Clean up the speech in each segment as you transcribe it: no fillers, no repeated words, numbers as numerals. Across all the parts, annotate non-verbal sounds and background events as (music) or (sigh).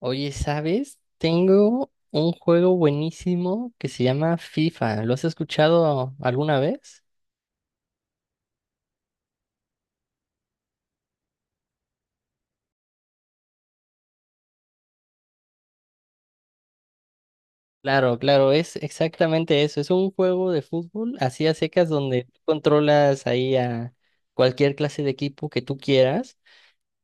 Oye, ¿sabes? Tengo un juego buenísimo que se llama FIFA. ¿Lo has escuchado alguna vez? Claro, claro, es exactamente eso. Es un juego de fútbol así a secas donde tú controlas ahí a cualquier clase de equipo que tú quieras.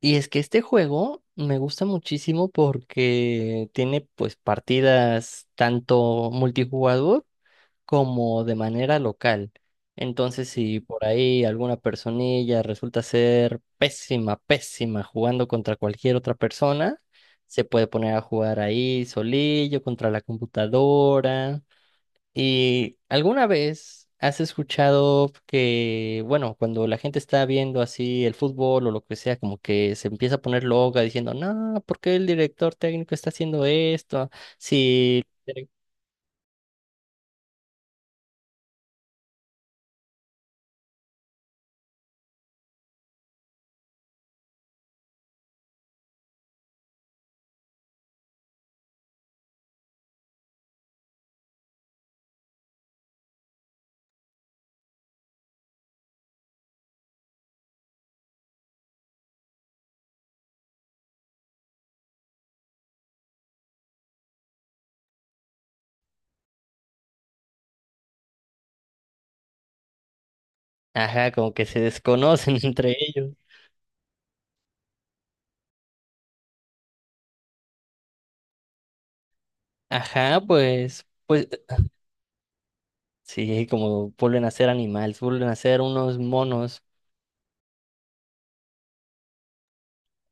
Y es que este juego me gusta muchísimo porque tiene pues partidas tanto multijugador como de manera local. Entonces, si por ahí alguna personilla resulta ser pésima, pésima jugando contra cualquier otra persona, se puede poner a jugar ahí solillo contra la computadora. ¿Y alguna vez has escuchado que, bueno, cuando la gente está viendo así el fútbol o lo que sea, como que se empieza a poner loca diciendo, no, por qué el director técnico está haciendo esto? Si. Ajá, como que se desconocen (laughs) entre ellos. Ajá, pues sí, como vuelven a ser animales, vuelven a ser unos monos.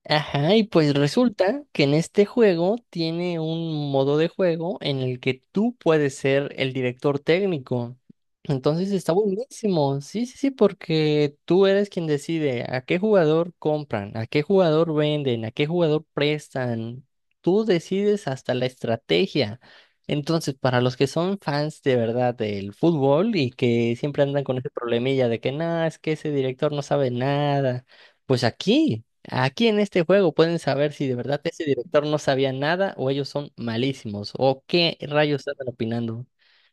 Ajá, y pues resulta que en este juego tiene un modo de juego en el que tú puedes ser el director técnico. Entonces está buenísimo, sí, sí, sí, porque tú eres quien decide a qué jugador compran, a qué jugador venden, a qué jugador prestan. Tú decides hasta la estrategia. Entonces, para los que son fans de verdad del fútbol y que siempre andan con ese problemilla de que nada, es que ese director no sabe nada, pues aquí. Aquí en este juego pueden saber si de verdad ese director no sabía nada o ellos son malísimos o qué rayos están opinando.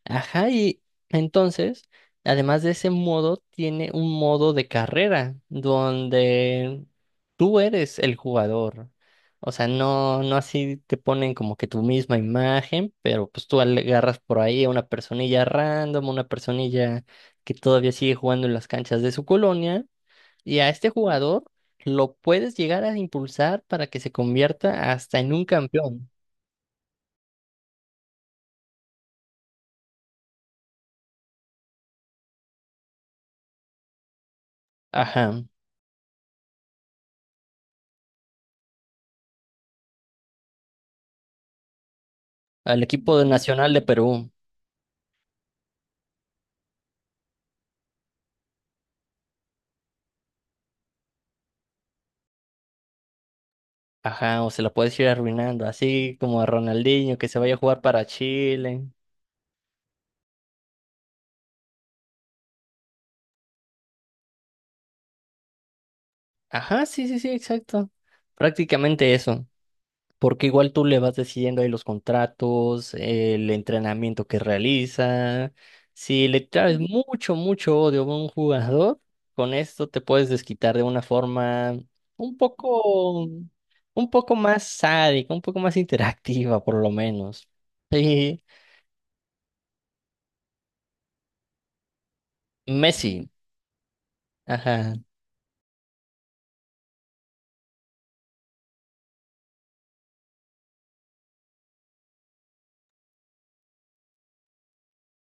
Ajá, y entonces, además de ese modo, tiene un modo de carrera donde tú eres el jugador. O sea, no así te ponen como que tu misma imagen, pero pues tú agarras por ahí a una personilla random, una personilla que todavía sigue jugando en las canchas de su colonia y a este jugador lo puedes llegar a impulsar para que se convierta hasta en un campeón. Ajá. Al equipo nacional de Perú. Ajá. O se la puedes ir arruinando. Así como a Ronaldinho que se vaya a jugar para Chile. Ajá, sí, sí, sí, exacto. Prácticamente eso. Porque igual tú le vas decidiendo ahí los contratos, el entrenamiento que realiza. Si le traes Ujú. Mucho, mucho odio a un jugador, con esto te puedes desquitar de una forma un poco, un poco más sádica, un poco más interactiva, por lo menos. Sí. Messi, ajá,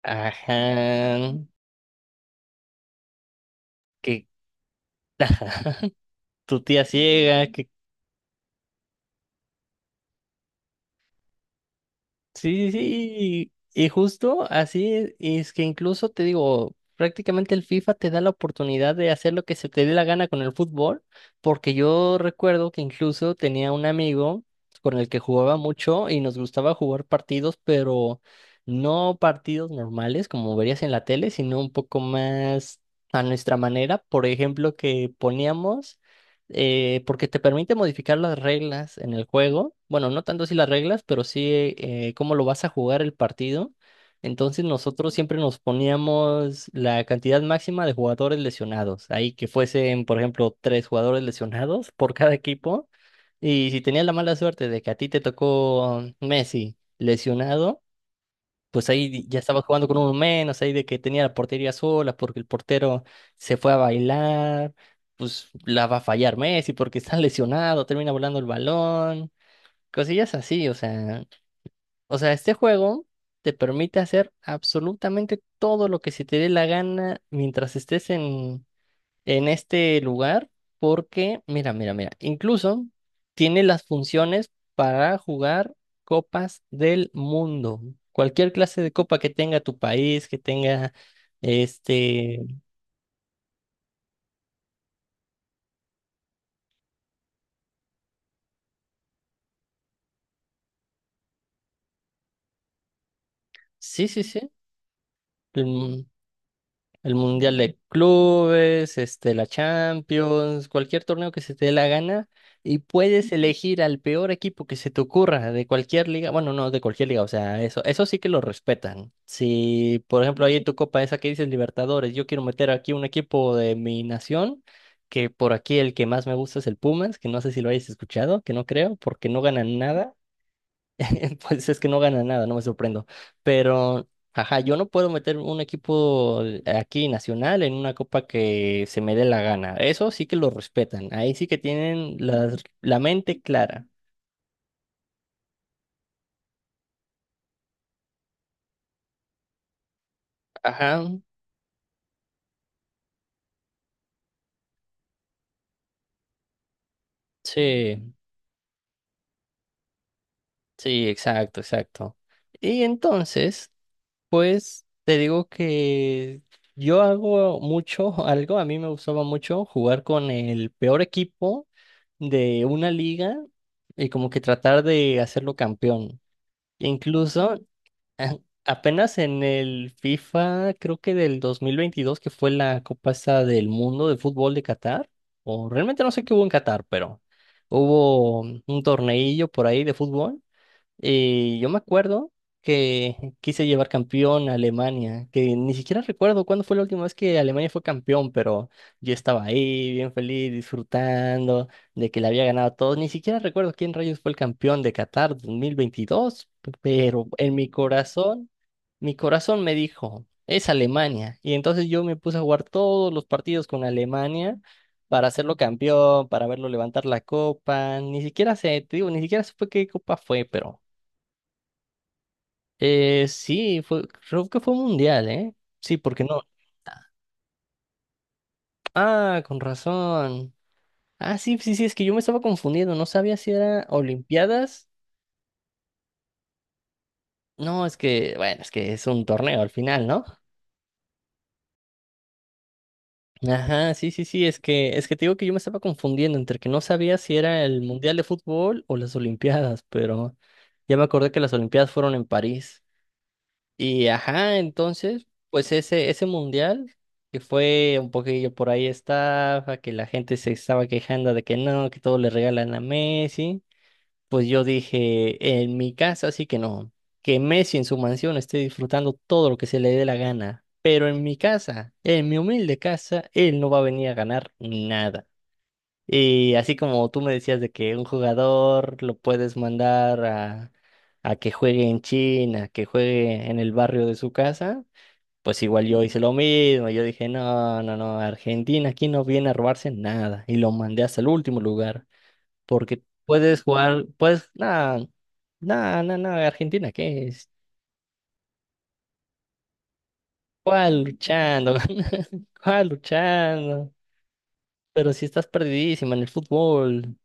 ajá, que (laughs) tu tía ciega, que sí, sí, sí, y justo así es, y es que incluso te digo, prácticamente el FIFA te da la oportunidad de hacer lo que se te dé la gana con el fútbol, porque yo recuerdo que incluso tenía un amigo con el que jugaba mucho y nos gustaba jugar partidos, pero no partidos normales como verías en la tele, sino un poco más a nuestra manera, por ejemplo, que poníamos porque te permite modificar las reglas en el juego. Bueno, no tanto si las reglas, pero sí cómo lo vas a jugar el partido. Entonces nosotros siempre nos poníamos la cantidad máxima de jugadores lesionados. Ahí que fuesen, por ejemplo, tres jugadores lesionados por cada equipo. Y si tenías la mala suerte de que a ti te tocó Messi lesionado pues ahí ya estaba jugando con uno menos, ahí de que tenía la portería sola porque el portero se fue a bailar, pues la va a fallar Messi porque está (laughs) lesionado, termina volando el balón, cosillas así, o sea, este juego te permite hacer absolutamente todo lo que se te dé la gana mientras estés en este lugar porque, mira, mira, mira, incluso tiene las funciones para jugar copas del mundo. Cualquier clase de copa que tenga tu país, que tenga este, sí, sí, sí. mm, El Mundial de Clubes, este, la Champions, cualquier torneo que se te dé la gana y puedes elegir al peor equipo que se te ocurra de cualquier liga. Bueno, no de cualquier liga, o sea, eso sí que lo respetan. Si, por ejemplo, ahí en tu copa esa que dices Libertadores, yo quiero meter aquí un equipo de mi nación, que por aquí el que más me gusta es el Pumas, que no sé si lo hayas escuchado, que no creo, porque no ganan nada. (laughs) Pues es que no gana nada, no me sorprendo. Pero, ajá, yo no puedo meter un equipo aquí nacional en una copa que se me dé la gana. Eso sí que lo respetan. Ahí sí que tienen la, la mente clara. Ajá, sí, sí, exacto, exacto. Y entonces, pues te digo que yo hago mucho, (laughs) algo, a mí me gustaba mucho jugar con el peor equipo de una liga y como que tratar de hacerlo campeón. Incluso a- apenas en el FIFA, creo que del 2022 que fue la Copa esta del Mundo de Fútbol de Qatar, o realmente no sé qué hubo en Qatar, pero hubo un torneillo por ahí de fútbol y yo me acuerdo que quise llevar campeón a Alemania, que ni siquiera recuerdo cuándo fue la última vez que Alemania fue campeón, pero yo estaba ahí bien feliz, disfrutando de que le había ganado a todos. Ni siquiera recuerdo quién rayos fue el campeón de Qatar 2022, pero en mi corazón me dijo, es Alemania. Y entonces yo me puse a jugar todos los partidos con Alemania para hacerlo campeón, para verlo levantar la copa. Ni siquiera sé, te digo, ni siquiera supe qué copa fue, pero... sí, fue, creo que fue mundial, ¿eh? Sí, porque no. Ah, con razón. Ah, sí, sí, sí, es que yo me estaba confundiendo, no sabía si era Olimpiadas. No, es que, bueno, es que es un torneo al final, ¿no? Ajá, sí, sí, sí, es que te digo que yo me estaba confundiendo entre que no sabía si era el Mundial de Fútbol o las Olimpiadas, pero ya me acordé que las Olimpiadas fueron en París. Y ajá, entonces, pues ese mundial, que fue un poquillo por ahí estaba, que la gente se estaba quejando de que no, que todo le regalan a Messi, pues yo dije, en mi casa sí que no, que Messi en su mansión esté disfrutando todo lo que se le dé la gana, pero en mi casa, en mi humilde casa, él no va a venir a ganar nada. Y así como tú me decías de que un jugador lo puedes mandar a que juegue en China, que juegue en el barrio de su casa, pues igual yo hice lo mismo. Yo dije, no, no, no, Argentina aquí no viene a robarse nada. Y lo mandé hasta el último lugar, porque puedes jugar, puedes no, no, no, no, Argentina, ¿qué es? ¿Cuál luchando? (laughs) ¿Cuál luchando? Pero si estás perdidísima en el fútbol.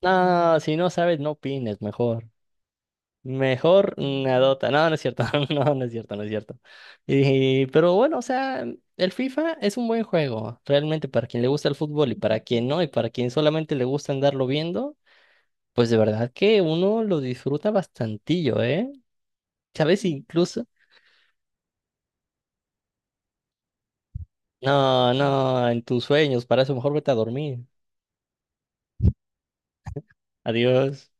No, si no sabes, no opines, mejor. Mejor nadota. No, no es cierto. (laughs) No, no es cierto, no es cierto. Y, pero bueno, o sea, el FIFA es un buen juego. Realmente para quien le gusta el fútbol y para quien no, y para quien solamente le gusta andarlo viendo, pues de verdad que uno lo disfruta bastantillo, ¿eh? ¿Sabes? Incluso. No, no, en tus sueños. Para eso mejor vete a dormir. Adiós.